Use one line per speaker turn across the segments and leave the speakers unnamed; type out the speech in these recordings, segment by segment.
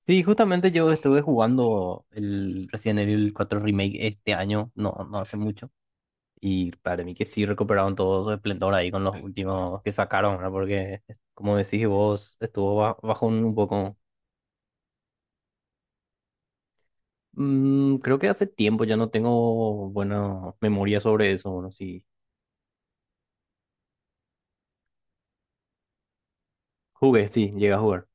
Sí, justamente yo estuve jugando el Resident Evil 4 Remake este año, no, no hace mucho, y para mí que sí recuperaron todo su esplendor ahí con los últimos que sacaron, ¿verdad? Porque, es- como decís vos, estuvo ba- bajo un poco... Mm, creo que hace tiempo ya no tengo buena memoria sobre eso, bueno, sí, jugué, sí, llegué a jugar.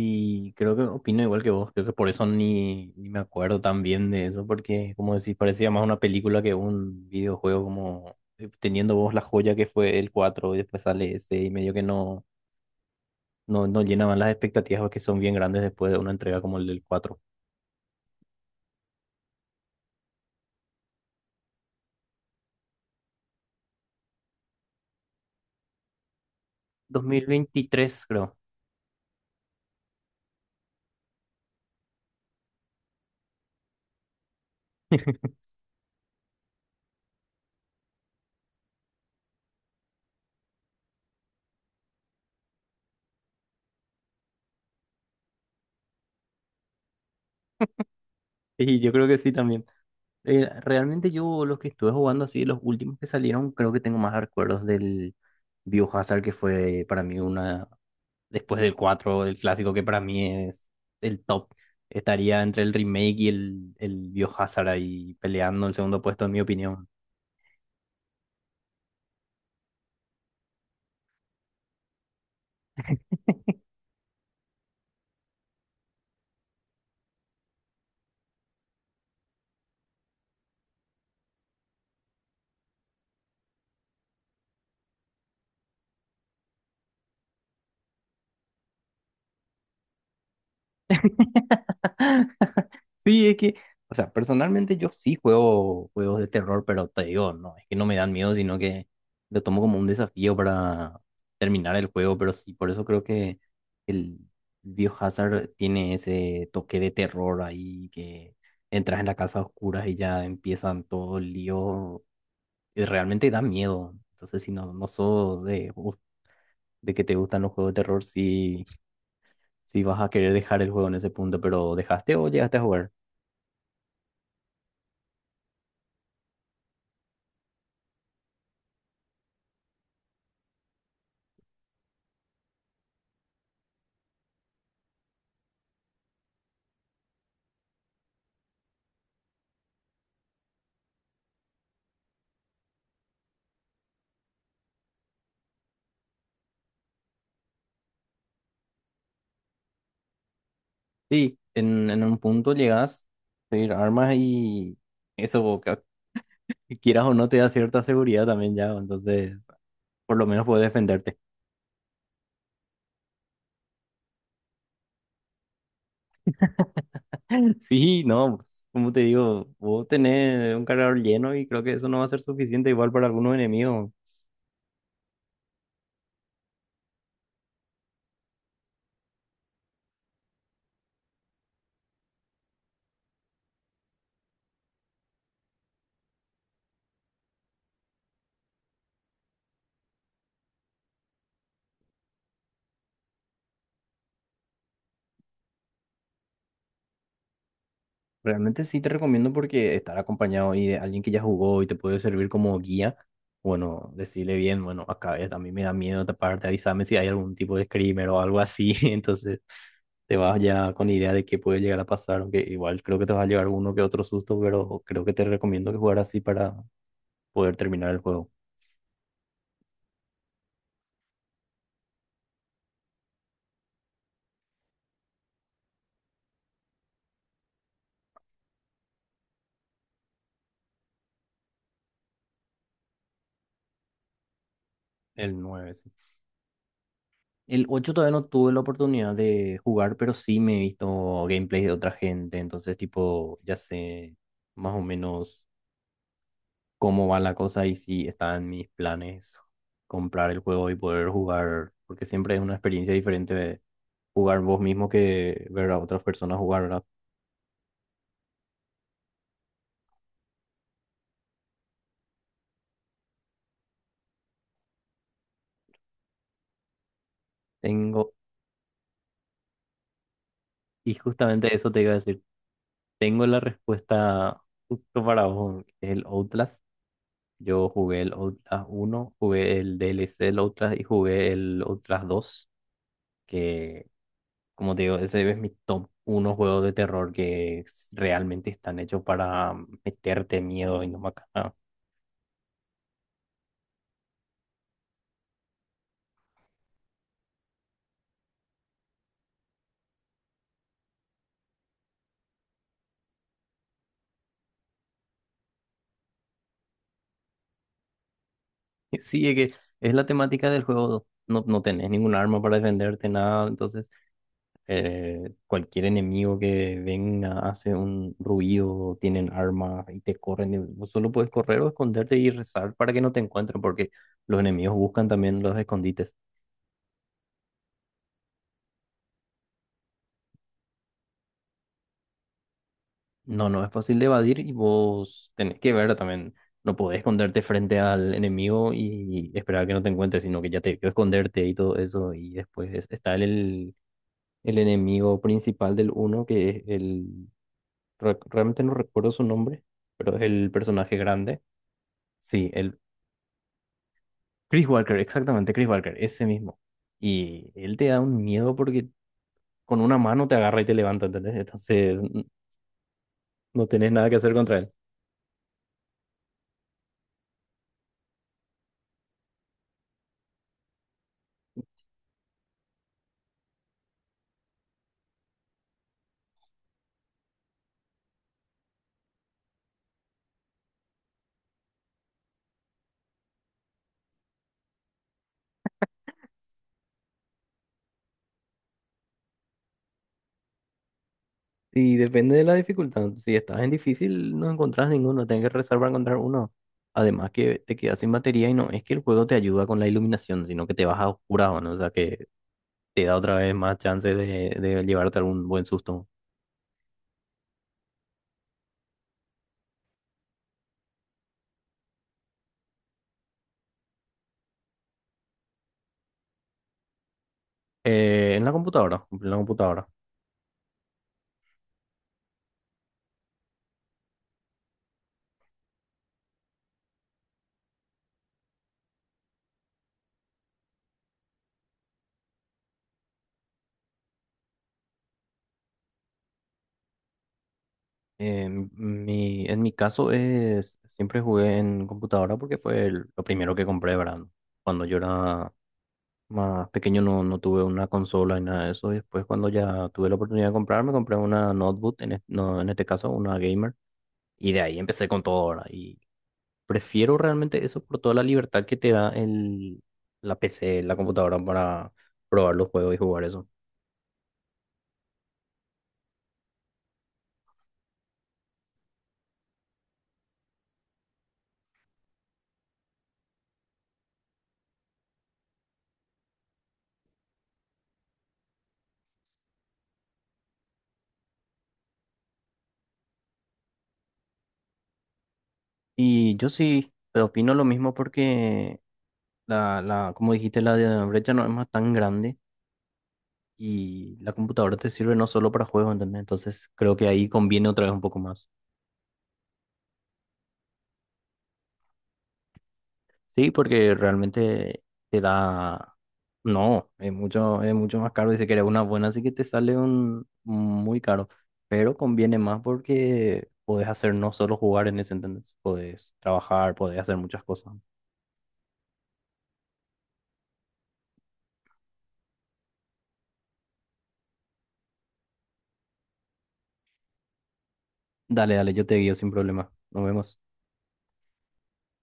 Y creo que opino igual que vos, creo que por eso ni me acuerdo tan bien de eso, porque como decís, parecía más una película que un videojuego, como teniendo vos la joya que fue el 4 y después sale ese y medio que no, no, no llenaban las expectativas que son bien grandes después de una entrega como el del cuatro. Dos mil veintitrés creo. Y yo creo que sí también. Realmente yo los que estuve jugando así, los últimos que salieron, creo que tengo más recuerdos del Biohazard, que fue para mí una, después del 4 el clásico que para mí es el top. Estaría entre el remake y el Biohazard ahí peleando el segundo puesto, en mi opinión. Sí, es que, o sea, personalmente yo sí juego juegos de terror, pero te digo, no, es que no me dan miedo, sino que lo tomo como un desafío para terminar el juego, pero sí, por eso creo que el Biohazard tiene ese toque de terror ahí que entras en la casa oscura y ya empiezan todo el lío y realmente da miedo. Entonces, si no, no sos de que te gustan los juegos de terror, sí, sí vas a querer dejar el juego en ese punto, pero ¿dejaste o llegaste a jugar? Sí, en un punto llegas a pedir armas y eso, ca- que quieras o no, te da cierta seguridad también ya, entonces por lo menos puedes defenderte. Sí, no, como te digo, vos tenés un cargador lleno y creo que eso no va a ser suficiente igual para algunos enemigos. Realmente sí te recomiendo porque estar acompañado y de alguien que ya jugó y te puede servir como guía, bueno, decirle bien, bueno, acá es, a mí me da miedo taparte, avísame si hay algún tipo de screamer o algo así, entonces te vas ya con idea de qué puede llegar a pasar, aunque igual creo que te va a llegar uno que otro susto, pero creo que te recomiendo que jugar así para poder terminar el juego. El 9 sí. El 8 todavía no tuve la oportunidad de jugar, pero sí me he visto gameplay de otra gente, entonces tipo, ya sé más o menos cómo va la cosa y si está en mis planes comprar el juego y poder jugar, porque siempre es una experiencia diferente de jugar vos mismo que ver a otras personas jugar, ¿verdad? Tengo, y justamente eso te iba a decir, tengo la respuesta justo para vos, que es el Outlast. Yo jugué el Outlast uno, jugué el DLC del Outlast y jugué el Outlast dos. Que como te digo, ese es mi top unos juegos de terror que s- realmente están hechos para meterte miedo y no matar. Sí, es que es la temática del juego. No, no tenés ningún arma para defenderte, nada. Entonces, cualquier enemigo que venga hace un ruido, tienen armas y te corren. Y vos solo puedes correr o esconderte y rezar para que no te encuentren, porque los enemigos buscan también los escondites. No, no es fácil de evadir y vos tenés que ver también. No podés esconderte frente al enemigo y esperar que no te encuentre, sino que ya te vio esconderte y todo eso. Y después está el enemigo principal del uno que es el... re- Realmente no recuerdo su nombre, pero es el personaje grande. Sí, el Chris Walker, exactamente, Chris Walker, ese mismo. Y él te da un miedo porque con una mano te agarra y te levanta, ¿entendés? Entonces n- no tenés nada que hacer contra él. Y depende de la dificultad. Si estás en difícil, no encontrás ninguno, tenés que rezar para encontrar uno. Además que te quedas sin batería y no es que el juego te ayuda con la iluminación, sino que te vas a oscuras, ¿no? O sea que te da otra vez más chance de llevarte algún buen susto. En la computadora, en la computadora. En mi caso es, siempre jugué en computadora porque fue el- lo primero que compré, ¿verdad? Cuando yo era más pequeño no, no tuve una consola ni nada de eso. Y después cuando ya tuve la oportunidad de comprar, me compré una notebook, en, es- no, en este caso una gamer. Y de ahí empecé con todo ahora. Y prefiero realmente eso por toda la libertad que te da el, la PC, la computadora para probar los juegos y jugar eso. Y yo sí pero opino lo mismo porque como dijiste, la de- brecha no es más tan grande y la computadora te sirve no solo para juegos, ¿entendés? Entonces creo que ahí conviene otra vez un poco más. Sí, porque realmente te da, no, es mucho más caro y si quieres una buena, así que te sale un muy caro. Pero conviene más porque podés hacer no solo jugar en ese, ¿entendés? Podés trabajar, podés hacer muchas cosas. Dale, dale, yo te guío sin problema. Nos vemos.